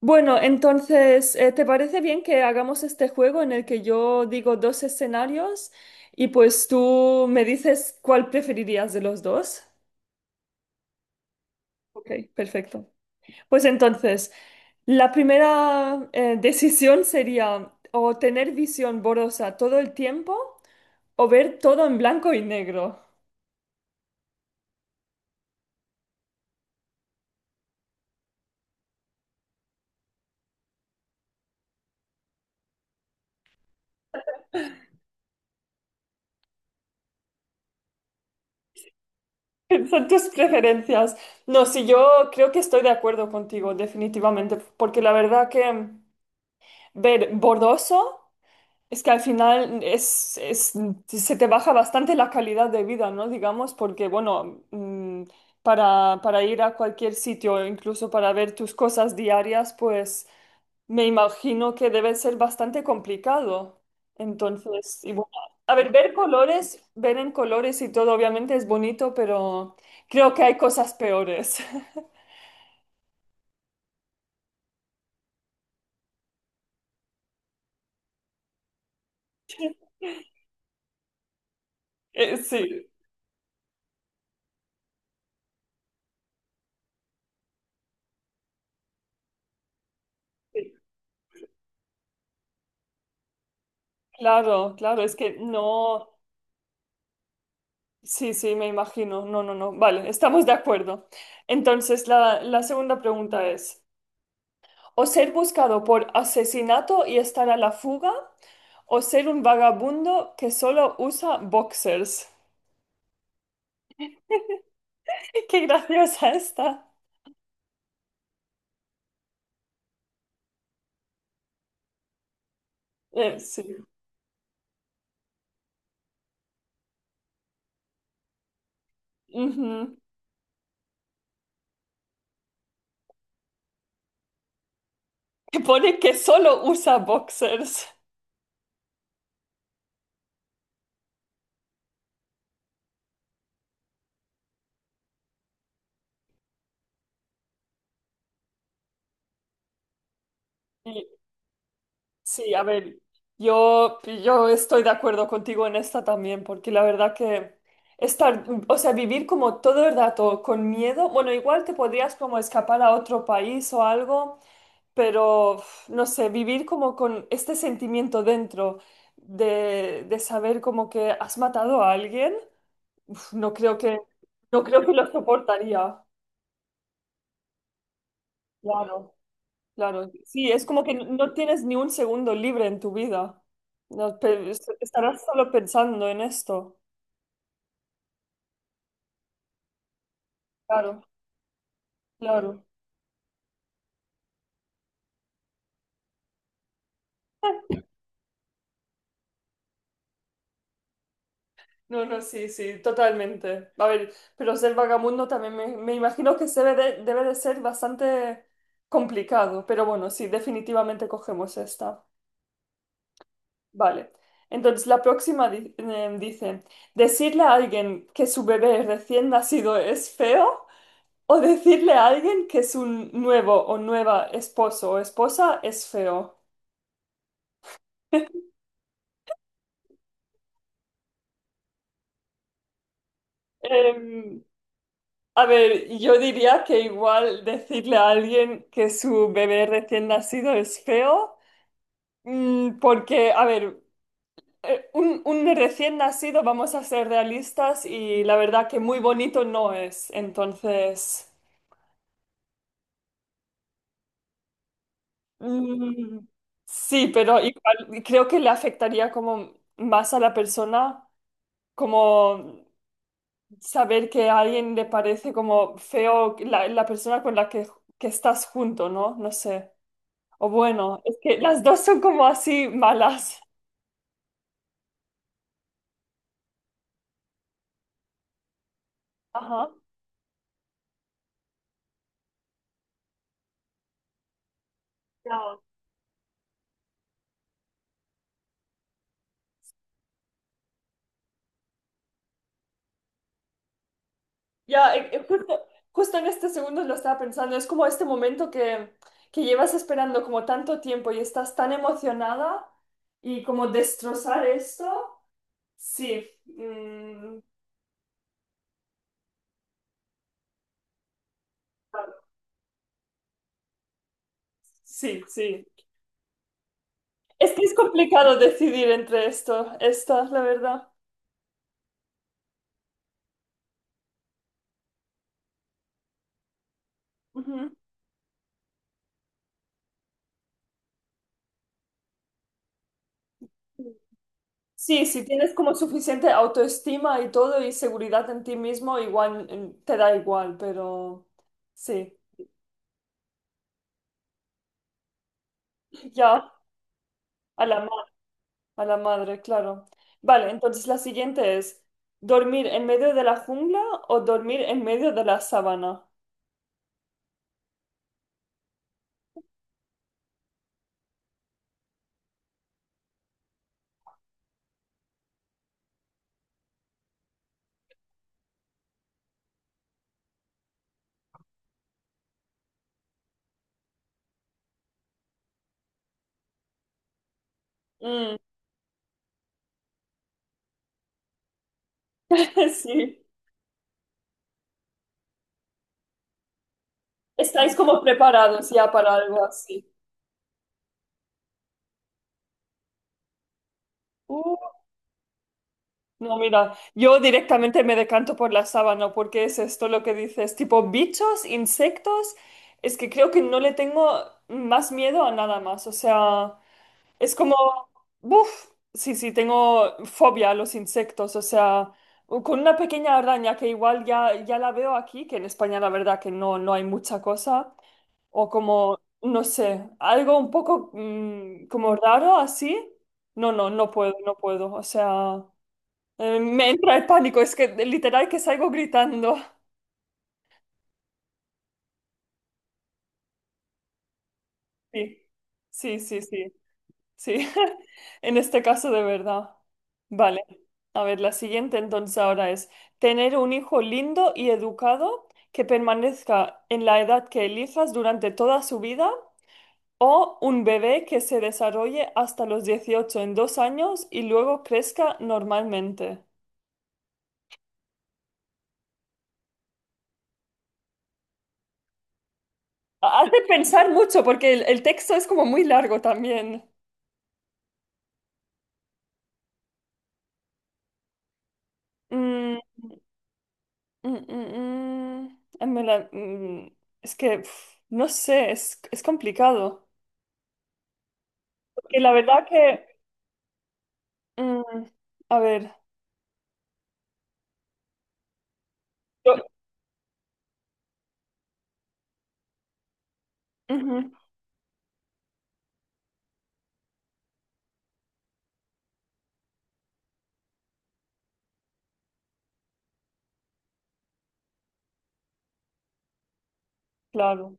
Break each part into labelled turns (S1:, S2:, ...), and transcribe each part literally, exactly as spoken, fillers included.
S1: Bueno, entonces, eh, ¿te parece bien que hagamos este juego en el que yo digo dos escenarios y pues tú me dices cuál preferirías de los dos? Ok, perfecto. Pues entonces, la primera eh, decisión sería o tener visión borrosa todo el tiempo o ver todo en blanco y negro. Son tus preferencias. No, sí, yo creo que estoy de acuerdo contigo, definitivamente, porque la verdad que ver borroso. Es que al final es, es- se te baja bastante la calidad de vida, ¿no? Digamos, porque, bueno, mm, para, para ir a cualquier sitio, incluso para ver tus cosas diarias, pues me imagino que debe ser bastante complicado. Entonces, y bueno, a ver, ver colores, ver en colores y todo, obviamente es bonito, pero creo que hay cosas peores. Eh, sí, sí, claro, claro, es que no. Sí, sí, me imagino. No, no, no. Vale, estamos de acuerdo. Entonces, la, la segunda pregunta es, o ser buscado por asesinato y estar a la fuga, o ser un vagabundo que solo usa boxers. Qué graciosa esta. Eh, sí. Ujú. Que pone que solo usa boxers. Sí, a ver, yo, yo estoy de acuerdo contigo en esta también, porque la verdad que estar, o sea, vivir como todo el rato con miedo, bueno, igual te podrías como escapar a otro país o algo, pero uf, no sé, vivir como con este sentimiento dentro de, de saber como que has matado a alguien, uf, no creo que, no creo que lo soportaría, claro. Claro, sí, es como que no tienes ni un segundo libre en tu vida. No, pe- est- estarás solo pensando en esto. Claro, claro. No, no, sí, sí, totalmente. A ver, pero ser vagabundo también me, me imagino que se debe de, debe de ser bastante complicado. Pero bueno, sí, definitivamente cogemos esta. Vale. Entonces, la próxima di- eh, dice, decirle a alguien que su bebé recién nacido es feo o decirle a alguien que su nuevo o nueva esposo o esposa es feo. Em, a ver, yo diría que igual decirle a alguien que su bebé recién nacido es feo, mm, porque, a ver, eh, un, un recién nacido, vamos a ser realistas, y la verdad que muy bonito no es. Entonces, mm, sí, pero igual creo que le afectaría como más a la persona, como saber que a alguien le parece como feo la, la persona con la que, que estás junto, ¿no? No sé. O bueno, es que las dos son como así malas. Ajá. Ya, ya, eh, eh, justo, justo en este segundo lo estaba pensando. Es como este momento que, que llevas esperando como tanto tiempo y estás tan emocionada y como destrozar esto. Sí. Mm, sí, sí. Es que es complicado decidir entre esto, esta, la verdad. Ujú. Sí, si tienes como suficiente autoestima y todo y seguridad en ti mismo, igual mm, te da igual, pero sí, ya a la, ma- a la madre, claro. Vale, entonces la siguiente es, ¿dormir en medio de la jungla o dormir en medio de la sabana? Mm, sí, estáis como preparados ya para algo así. No, mira, yo directamente me decanto por la sábana porque es esto lo que dices, tipo bichos, insectos, es que creo que no le tengo más miedo a nada más, o sea, es como, uff, sí, sí, tengo fobia a los insectos, o sea, con una pequeña araña que igual ya, ya la veo aquí, que en España la verdad que no, no hay mucha cosa, o como, no sé, algo un poco mm, como raro así, no, no, no puedo, no puedo, o sea... Eh, me entra el pánico, es que literal que salgo gritando. Sí, sí, sí, sí, sí. En este caso de verdad. Vale. A ver, la siguiente entonces ahora es tener un hijo lindo y educado que permanezca en la edad que elijas durante toda su vida o un bebé que se desarrolle hasta los dieciocho en dos años y luego crezca normalmente. Hace pensar mucho porque el, el texto es como muy largo también. Mm, Mm, mm, mm. En verdad, mm, es que uf, no sé, es, es complicado. Porque la verdad que, mm, a ver, yo- ujú, claro,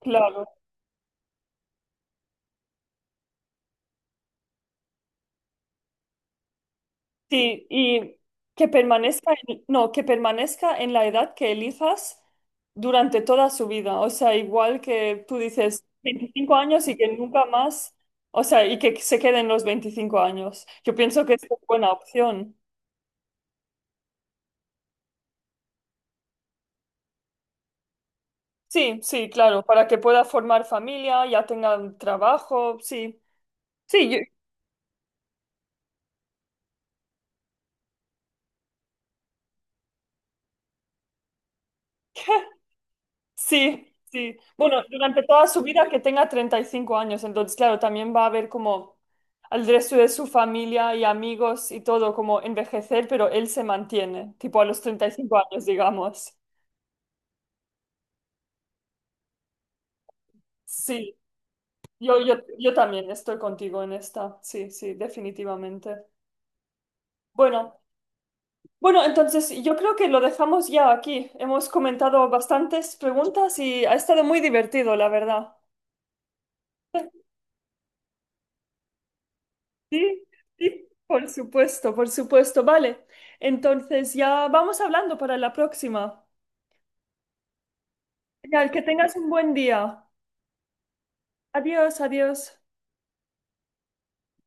S1: claro, sí, y que permanezca en, no, que permanezca en la edad que elijas durante toda su vida. O sea, igual que tú dices veinticinco años y que nunca más, o sea, y que se queden los veinticinco años. Yo pienso que es una buena opción. Sí, sí, claro, para que pueda formar familia, ya tenga un trabajo, sí. Sí, yo- sí, sí. Bueno, durante toda su vida que tenga treinta y cinco años, entonces, claro, también va a ver como al resto de su familia y amigos y todo, como envejecer, pero él se mantiene, tipo a los treinta y cinco años, digamos. Sí, yo, yo, yo también estoy contigo en esta, sí, sí, definitivamente. Bueno. Bueno, entonces yo creo que lo dejamos ya aquí. Hemos comentado bastantes preguntas y ha estado muy divertido, la verdad. Sí, sí, por supuesto, por supuesto. Vale, entonces ya vamos hablando para la próxima. Genial, que tengas un buen día. Adiós, adiós.